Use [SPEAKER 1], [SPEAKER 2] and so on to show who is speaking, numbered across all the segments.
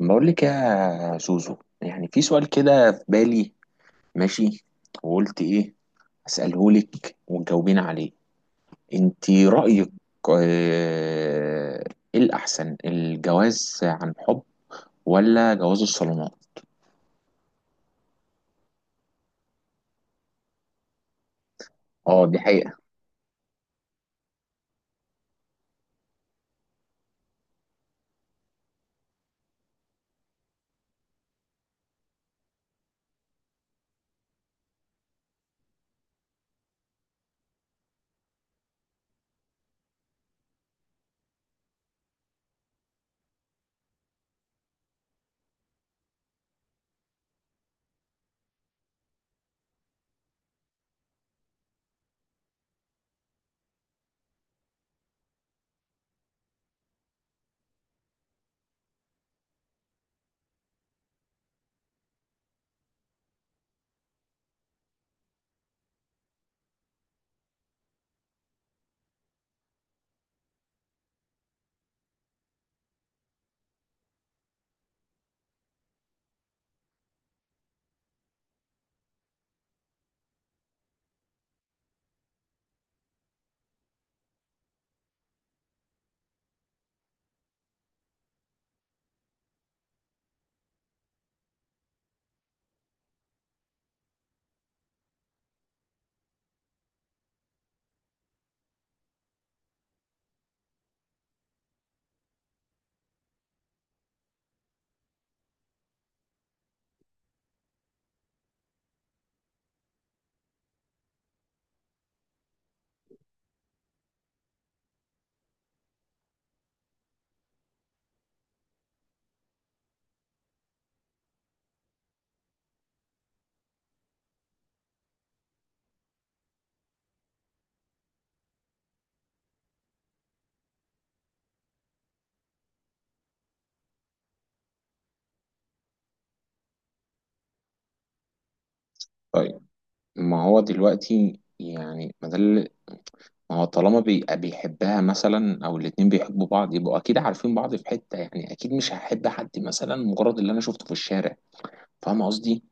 [SPEAKER 1] بقول لك يا زوزو، يعني في سؤال كده في بالي. ماشي. وقلت ايه؟ اساله لك وتجاوبين عليه. انت رايك؟ آه، ايه الاحسن، الجواز عن حب ولا جواز الصالونات؟ اه دي حقيقة. طيب، ما هو دلوقتي، يعني ما ده اللي- ما هو طالما بيحبها مثلا او الاتنين بيحبوا بعض، يبقوا اكيد عارفين بعض في حتة. يعني اكيد مش هحب حد مثلا مجرد اللي انا شفته في الشارع. فاهم قصدي؟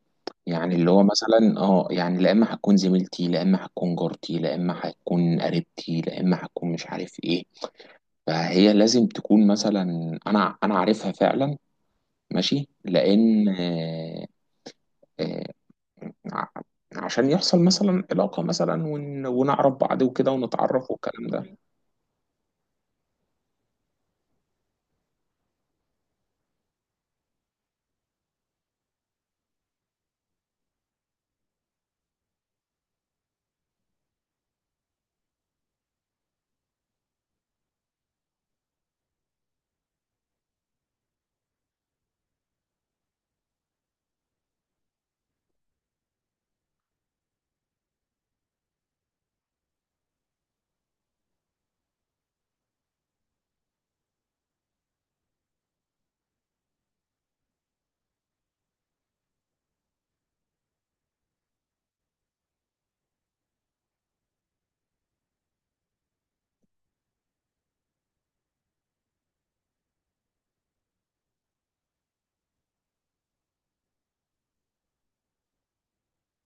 [SPEAKER 1] يعني اللي هو مثلا اه، يعني لا اما هتكون زميلتي، لا اما هتكون جارتي، لا اما هتكون قريبتي، لا اما هتكون مش عارف ايه. فهي لازم تكون مثلا، انا عارفها فعلا. ماشي، لان آه، ع- عشان يحصل مثلا علاقة مثلا ونعرف بعض وكده ونتعرف والكلام ده.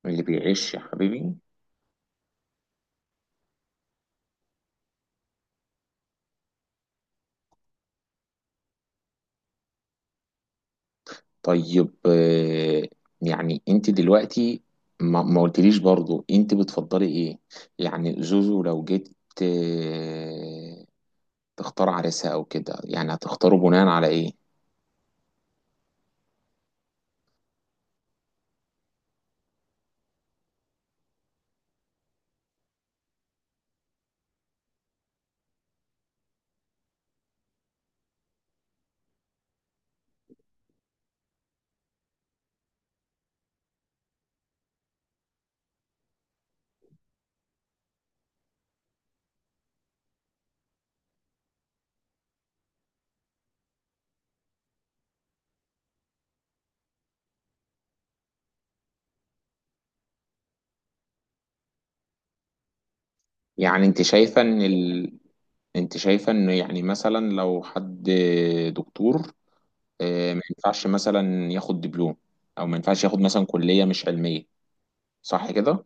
[SPEAKER 1] اللي بيعيش يا حبيبي. طيب يعني انت دلوقتي ما قلتليش برضو انت بتفضلي ايه. يعني زوزو لو جيت آه، تختار عريسها او كده، يعني هتختاره بناء على ايه؟ يعني انت شايفة ان ال... انت شايفة ان يعني مثلا لو حد دكتور، ما ينفعش مثلا ياخد دبلوم، او ما ينفعش ياخد مثلا كلية مش علمية؟ صح كده؟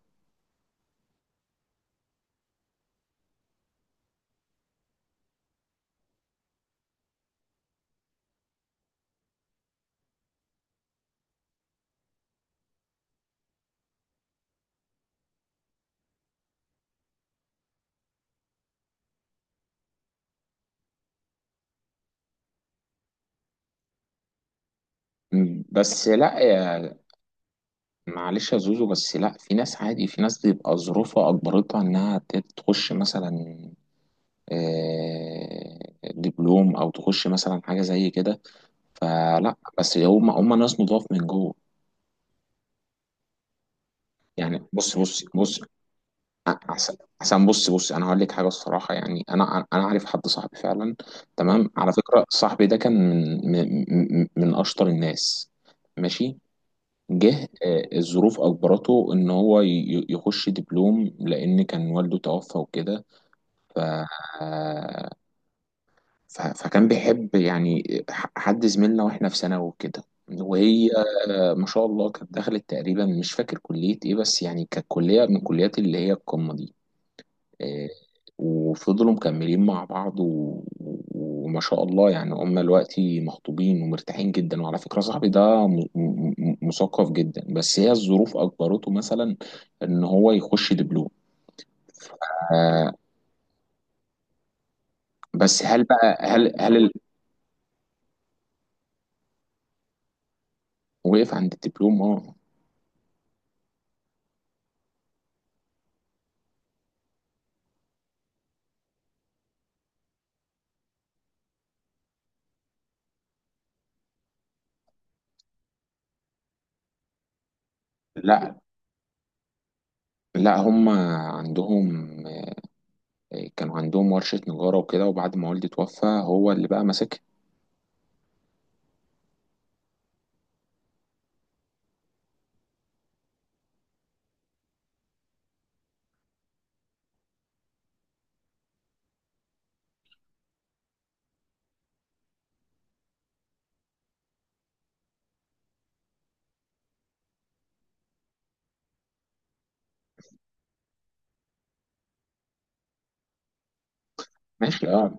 [SPEAKER 1] بس لا، معلش يا زوزو، بس لا، في ناس عادي، في ناس بيبقى ظروفها اجبرتها انها تخش مثلا آه، دبلوم، او تخش مثلا حاجه زي كده. فلا، بس هم ناس نضاف من جوه. يعني بص احسن بص انا هقول لك حاجه الصراحه. يعني انا عارف حد صاحبي فعلا، تمام؟ على فكره صاحبي ده كان من من من اشطر الناس، ماشي؟ جه الظروف أجبرته إن هو يخش دبلوم، لأن كان والده توفى وكده. ف... آه، ف... فكان بيحب يعني حد زميلنا، وإحنا في ثانوي وكده. وهي ما شاء الله كانت دخلت تقريبا، مش فاكر كلية إيه، بس يعني كانت كلية من كليات اللي هي القمة دي. آه، وفضلوا مكملين مع بعض و... وما شاء الله يعني هم دلوقتي مخطوبين ومرتاحين جدا. وعلى فكرة صاحبي ده مثقف جدا، بس هي الظروف أجبرته مثلا إن هو يخش دبلوم. آه، بس هل بقى وقف عند الدبلوم، اه؟ لا لا هم عندهم، كانوا عندهم ورشة نجارة وكده، وبعد ما والدي توفى هو اللي بقى ماسكها. ماشي اه.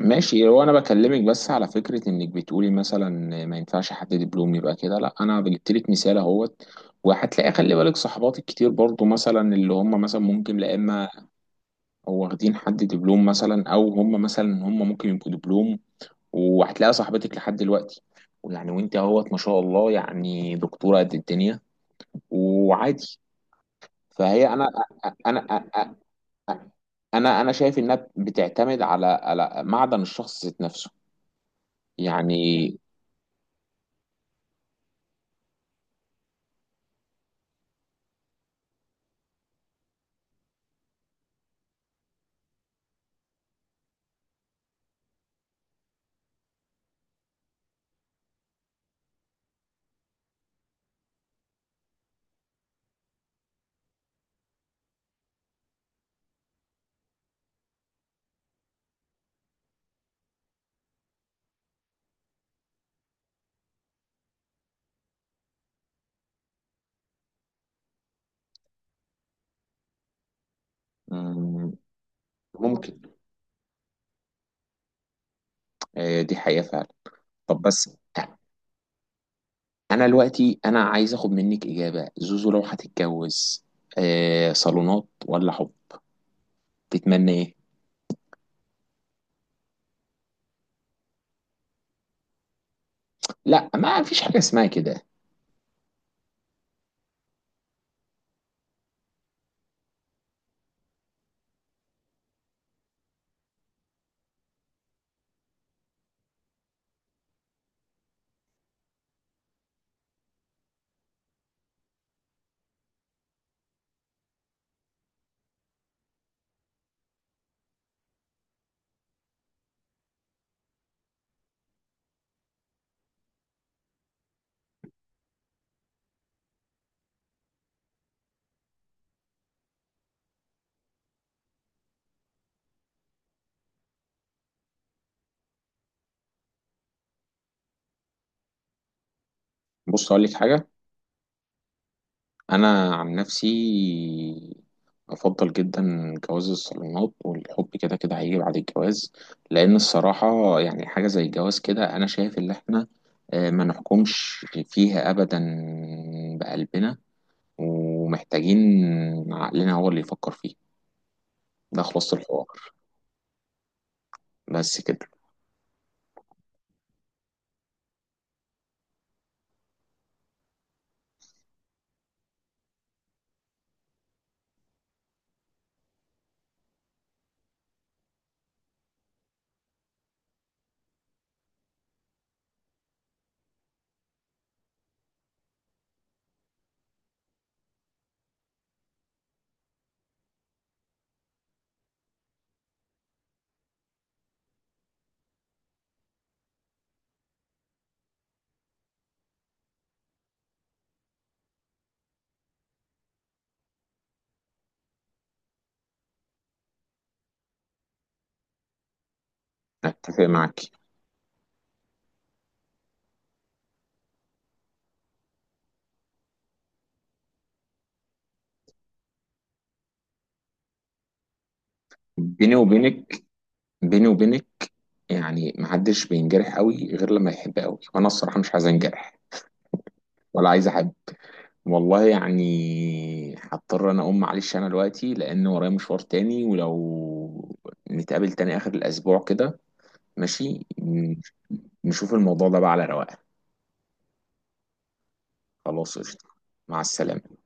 [SPEAKER 1] ماشي، هو انا بكلمك بس على فكره، انك بتقولي مثلا ما ينفعش حد دبلوم يبقى كده، لا، انا جبت لك مثال اهوت. وهتلاقي، خلي بالك، صحباتك كتير برضو مثلا اللي هم مثلا ممكن لا اما هو واخدين حد دبلوم، مثلا، او هم مثلا هم ممكن يبقوا دبلوم، وهتلاقي صاحبتك لحد دلوقتي ويعني، وانت اهوت ما شاء الله، يعني دكتوره قد الدنيا، وعادي. فهي انا انا شايف انها بتعتمد على على معدن الشخص ذات نفسه يعني. مم، ممكن، دي حقيقة فعلا. طب بس، أنا دلوقتي أنا عايز آخد منك إجابة. زوزو لو هتتجوز صالونات ولا حب، تتمنى إيه؟ لا، ما فيش حاجة اسمها كده. بص أقول لك حاجة، أنا عن نفسي أفضل جدا جواز الصالونات، والحب كده كده هيجي بعد الجواز. لأن الصراحة يعني حاجة زي الجواز كده، أنا شايف إن إحنا ما نحكمش فيها أبدا بقلبنا، ومحتاجين عقلنا هو اللي يفكر فيه. ده خلاصة الحوار، بس كده. اتفق معاك. بيني وبينك، بيني وبينك، يعني محدش بينجرح قوي غير لما يحب قوي، وانا الصراحة مش عايز انجرح ولا عايز احب. والله يعني هضطر انا اقوم، معلش انا دلوقتي لان ورايا مشوار تاني. ولو نتقابل تاني اخر الاسبوع كده، ماشي؟ نشوف الموضوع ده بقى على رواقه. خلاص قشطة. مع السلامة.